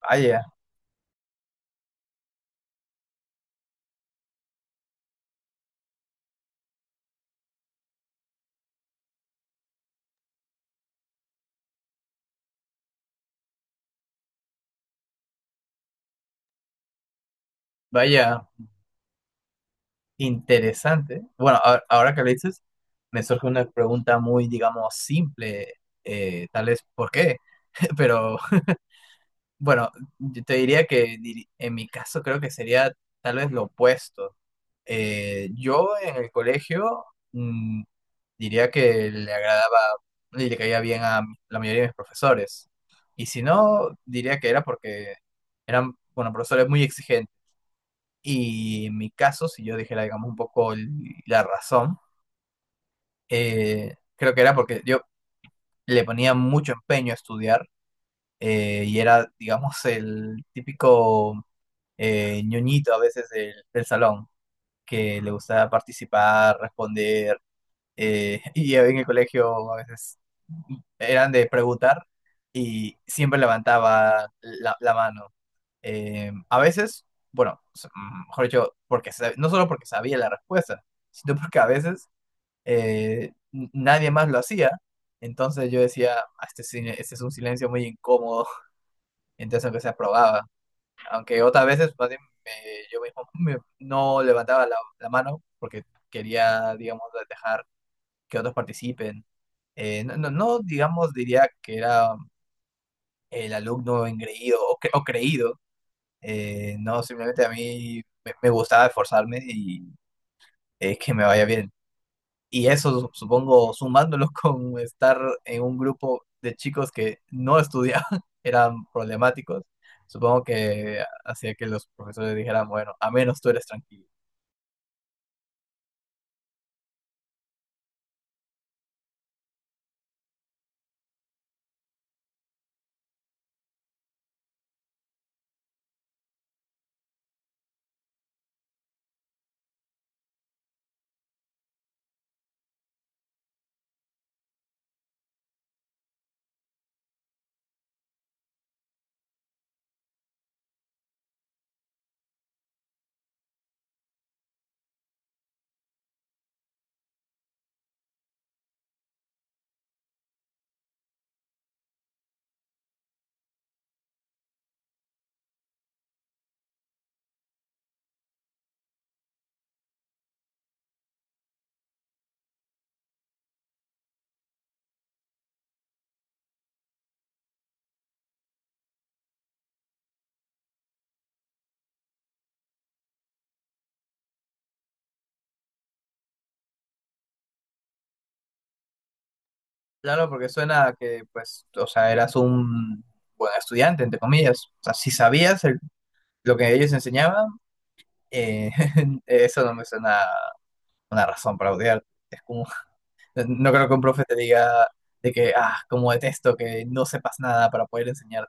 Vaya, vaya, interesante. Bueno, ahora que lo dices, me surge una pregunta muy, digamos, simple, tal vez por qué, pero bueno, yo te diría que en mi caso creo que sería tal vez lo opuesto. Yo en el colegio mm, diría que le agradaba y le caía bien a la mayoría de mis profesores. Y si no, diría que era porque eran, bueno, profesores muy exigentes. Y en mi caso, si yo dijera, digamos, un poco la razón, creo que era porque yo le ponía mucho empeño a estudiar, y era, digamos, el típico ñoñito a veces del salón, que le gustaba participar, responder, y en el colegio a veces eran de preguntar y siempre levantaba la mano. A veces, bueno, mejor dicho, porque no solo porque sabía la respuesta, sino porque a veces nadie más lo hacía. Entonces yo decía, "Ah, este, este es un silencio muy incómodo". Entonces aunque se aprobaba. Aunque otras veces más bien, yo mismo no levantaba la mano porque quería, digamos, dejar que otros participen. No, no, no, digamos, diría que era el alumno engreído o, o creído. No, simplemente a mí me gustaba esforzarme y que me vaya bien. Y eso, supongo, sumándolo con estar en un grupo de chicos que no estudiaban, eran problemáticos, supongo que hacía que los profesores dijeran, bueno, a menos tú eres tranquilo. Claro, porque suena a que, pues, o sea, eras un buen estudiante, entre comillas. O sea, si sabías lo que ellos enseñaban, eh, eso no me suena una razón para odiar. Es como: no creo que un profe te diga de que, ah, como detesto que no sepas nada para poder enseñar.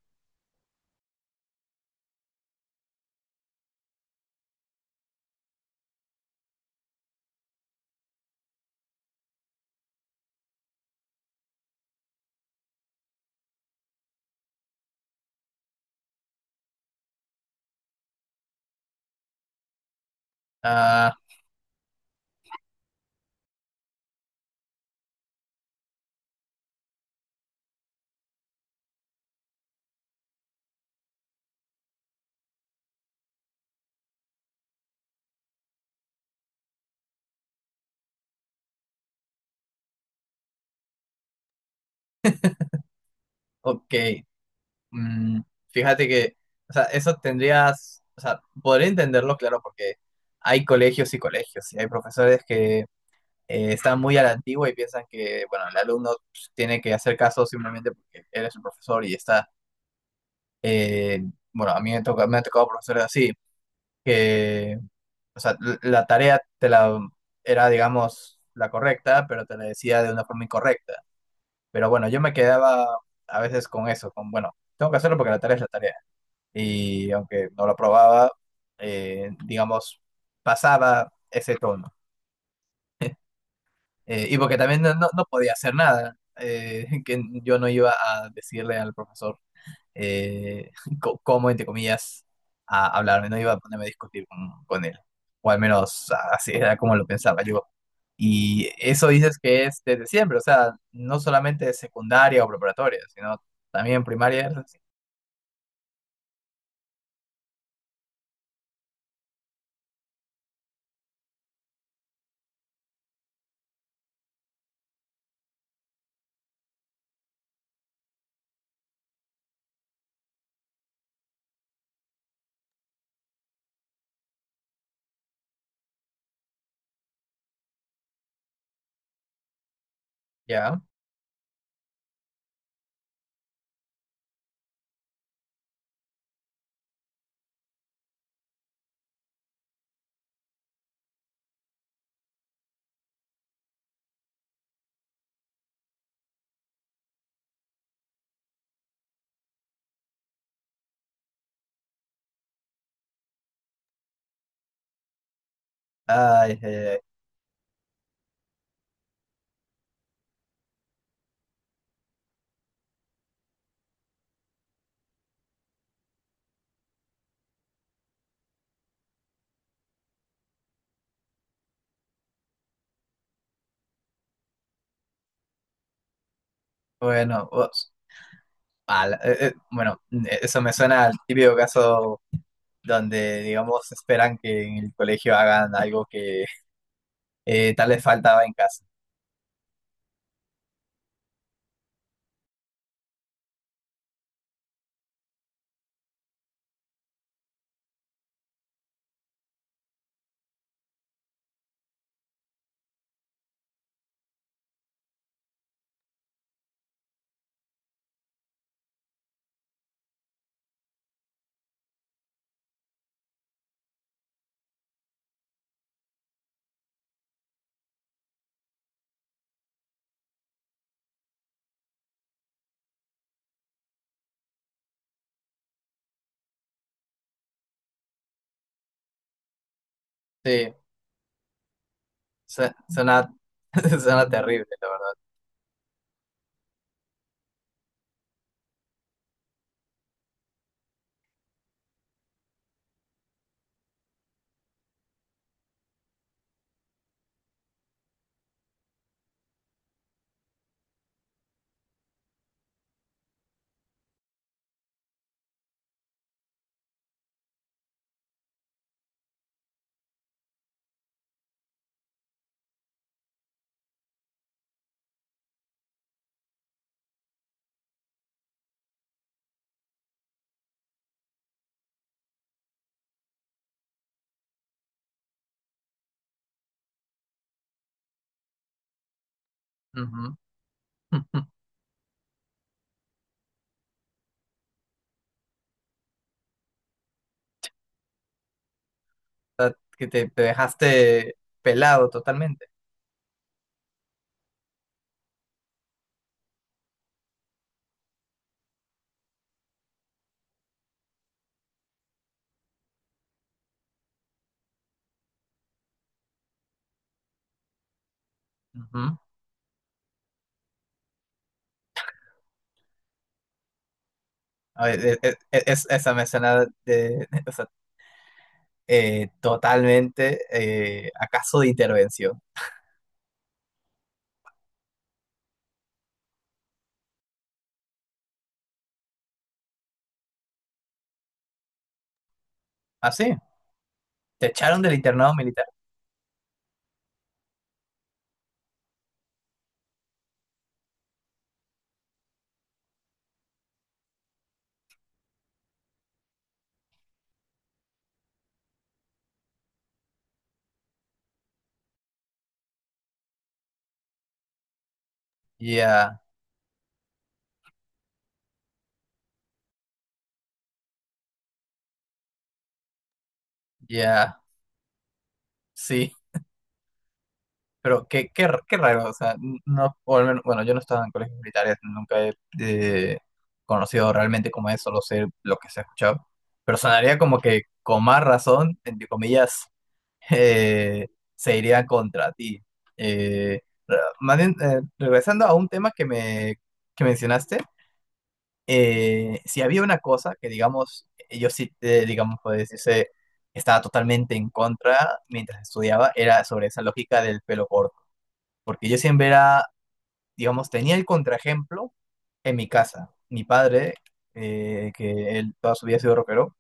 Ah, ok. mm, fíjate que, o sea, eso tendrías, o sea, podría entenderlo, claro, porque hay colegios y colegios, y hay profesores que están muy a la antigua y piensan que, bueno, el alumno pues, tiene que hacer caso simplemente porque él es el profesor y está, eh, bueno, a mí me toca, me ha tocado profesores así, que o sea, la tarea te la era, digamos, la correcta, pero te la decía de una forma incorrecta. Pero bueno, yo me quedaba a veces con eso, con, bueno, tengo que hacerlo porque la tarea es la tarea. Y aunque no lo probaba, digamos, pasaba ese tono. Y porque también no, no podía hacer nada, que yo no iba a decirle al profesor eh, cómo, entre comillas, a hablarme, no iba a ponerme a discutir con él, o al menos así era como lo pensaba yo. Y eso dices que es desde siempre, o sea, no solamente secundaria o preparatoria, sino también primaria, es así, ¿ya? Ay, ay, ay. Bueno, ups, ala, bueno, eso me suena al típico caso donde, digamos, esperan que en el colegio hagan algo que tal vez faltaba en casa. Sí, Su- suena, suena terrible, la verdad. Ujú. O sea, que te dejaste pelado totalmente. Ujú. A ver, esa me suena de, o sea, totalmente a caso de intervención. Ah, sí, te echaron del internado militar. Ya, ya, sí. Pero qué, qué, qué raro, o sea, no, o al menos, bueno, yo no estaba en colegios militares, nunca he conocido realmente cómo es, solo sé lo que se ha escuchado, pero sonaría como que con más razón, entre comillas, eh, se iría contra ti. Eh, más bien, regresando a un tema que me que mencionaste, si había una cosa que, digamos, yo sí, digamos, puede decirse, estaba totalmente en contra mientras estudiaba, era sobre esa lógica del pelo corto porque yo siempre era, digamos, tenía el contraejemplo en mi casa. Mi padre, que él toda su vida ha sido rockero,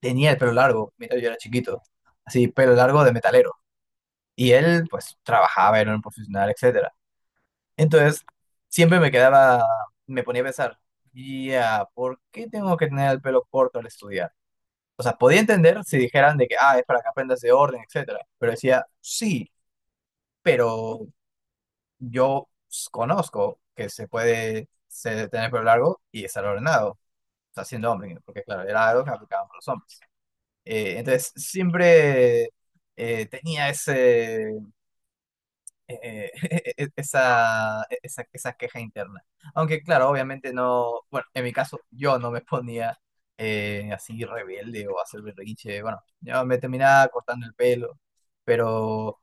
tenía el pelo largo mientras yo era chiquito, así, pelo largo de metalero. Y él, pues, trabajaba, era un profesional, etcétera. Entonces, siempre me quedaba, me ponía a pensar, ya, ¿por qué tengo que tener el pelo corto al estudiar? O sea, podía entender si dijeran de que, ah, es para que aprendas de orden, etcétera. Pero decía, sí, pero yo conozco que se puede tener pelo largo y estar ordenado, o sea, siendo hombre, porque claro, era algo que aplicaban para los hombres. Entonces, siempre tenía ese, eh, esa queja interna. Aunque claro, obviamente no, bueno, en mi caso yo no me ponía así rebelde o hacer berrinche, bueno, yo me terminaba cortando el pelo, pero...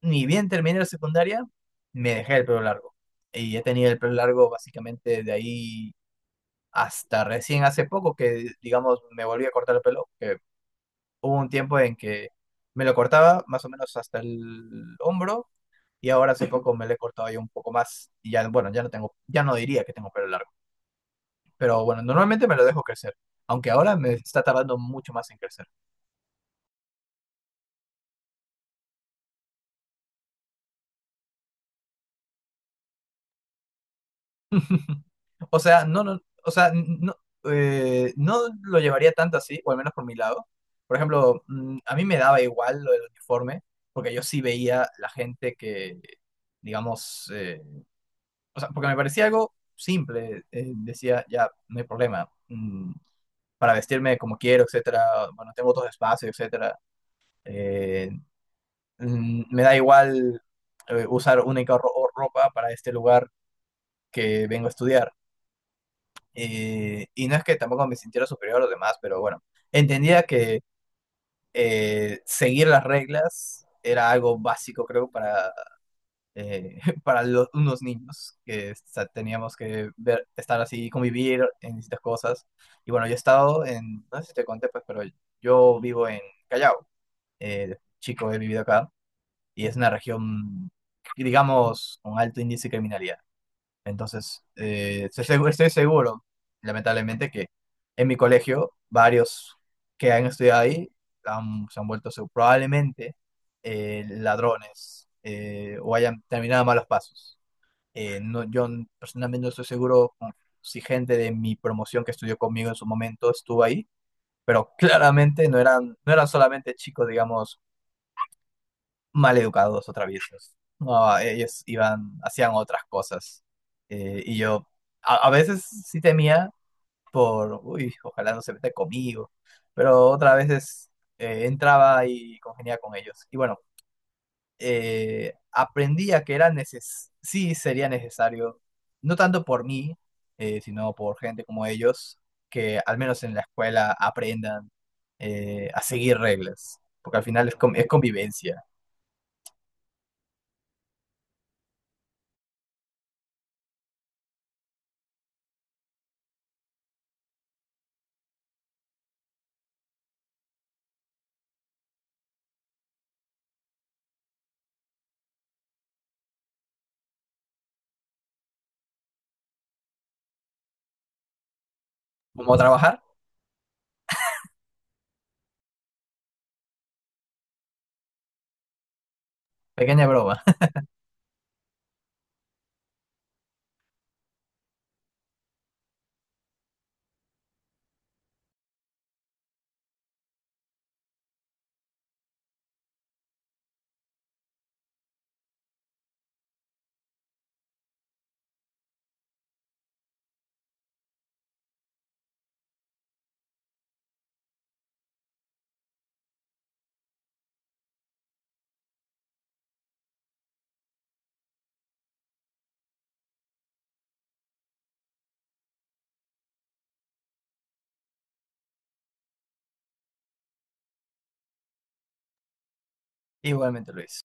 ni bien terminé la secundaria, me dejé el pelo largo. Y he tenido el pelo largo básicamente de ahí hasta recién hace poco que, digamos, me volví a cortar el pelo. Que hubo un tiempo en que me lo cortaba más o menos hasta el hombro y ahora hace poco me lo he cortado ya un poco más. Y ya, bueno, ya no tengo, ya no diría que tengo pelo largo. Pero bueno, normalmente me lo dejo crecer, aunque ahora me está tardando mucho más en crecer. O sea, no, no, o sea, no, no lo llevaría tanto así, o al menos por mi lado. Por ejemplo, a mí me daba igual lo del uniforme, porque yo sí veía la gente que, digamos, o sea, porque me parecía algo simple. Decía, ya, no hay problema. Para vestirme como quiero, etcétera. Bueno, tengo otros espacios, etcétera. Eh, me da igual usar única ropa para este lugar que vengo a estudiar. Y no es que tampoco me sintiera superior a los demás, pero bueno, entendía que seguir las reglas era algo básico, creo, para, eh, para los, unos niños, que o sea, teníamos que ver, estar así, convivir en distintas cosas. Y bueno, yo he estado en, no sé si te conté, pues, pero yo vivo en Callao, chico, he vivido acá, y es una región, digamos, con alto índice de criminalidad. Entonces, estoy seguro, lamentablemente, que en mi colegio varios que han estudiado ahí se han vuelto probablemente ladrones, o hayan terminado malos pasos. No, yo personalmente no estoy seguro si gente de mi promoción que estudió conmigo en su momento estuvo ahí, pero claramente no eran, no eran solamente chicos, digamos, maleducados o traviesos. No, ellos iban, hacían otras cosas. Y yo a veces sí temía por, uy, ojalá no se meta conmigo, pero otras veces entraba y congeniaba con ellos. Y bueno, aprendía que era neces sí sería necesario, no tanto por mí, sino por gente como ellos, que al menos en la escuela aprendan a seguir reglas, porque al final es, es convivencia. ¿Cómo trabajar? Pequeña broma. Igualmente, Luis.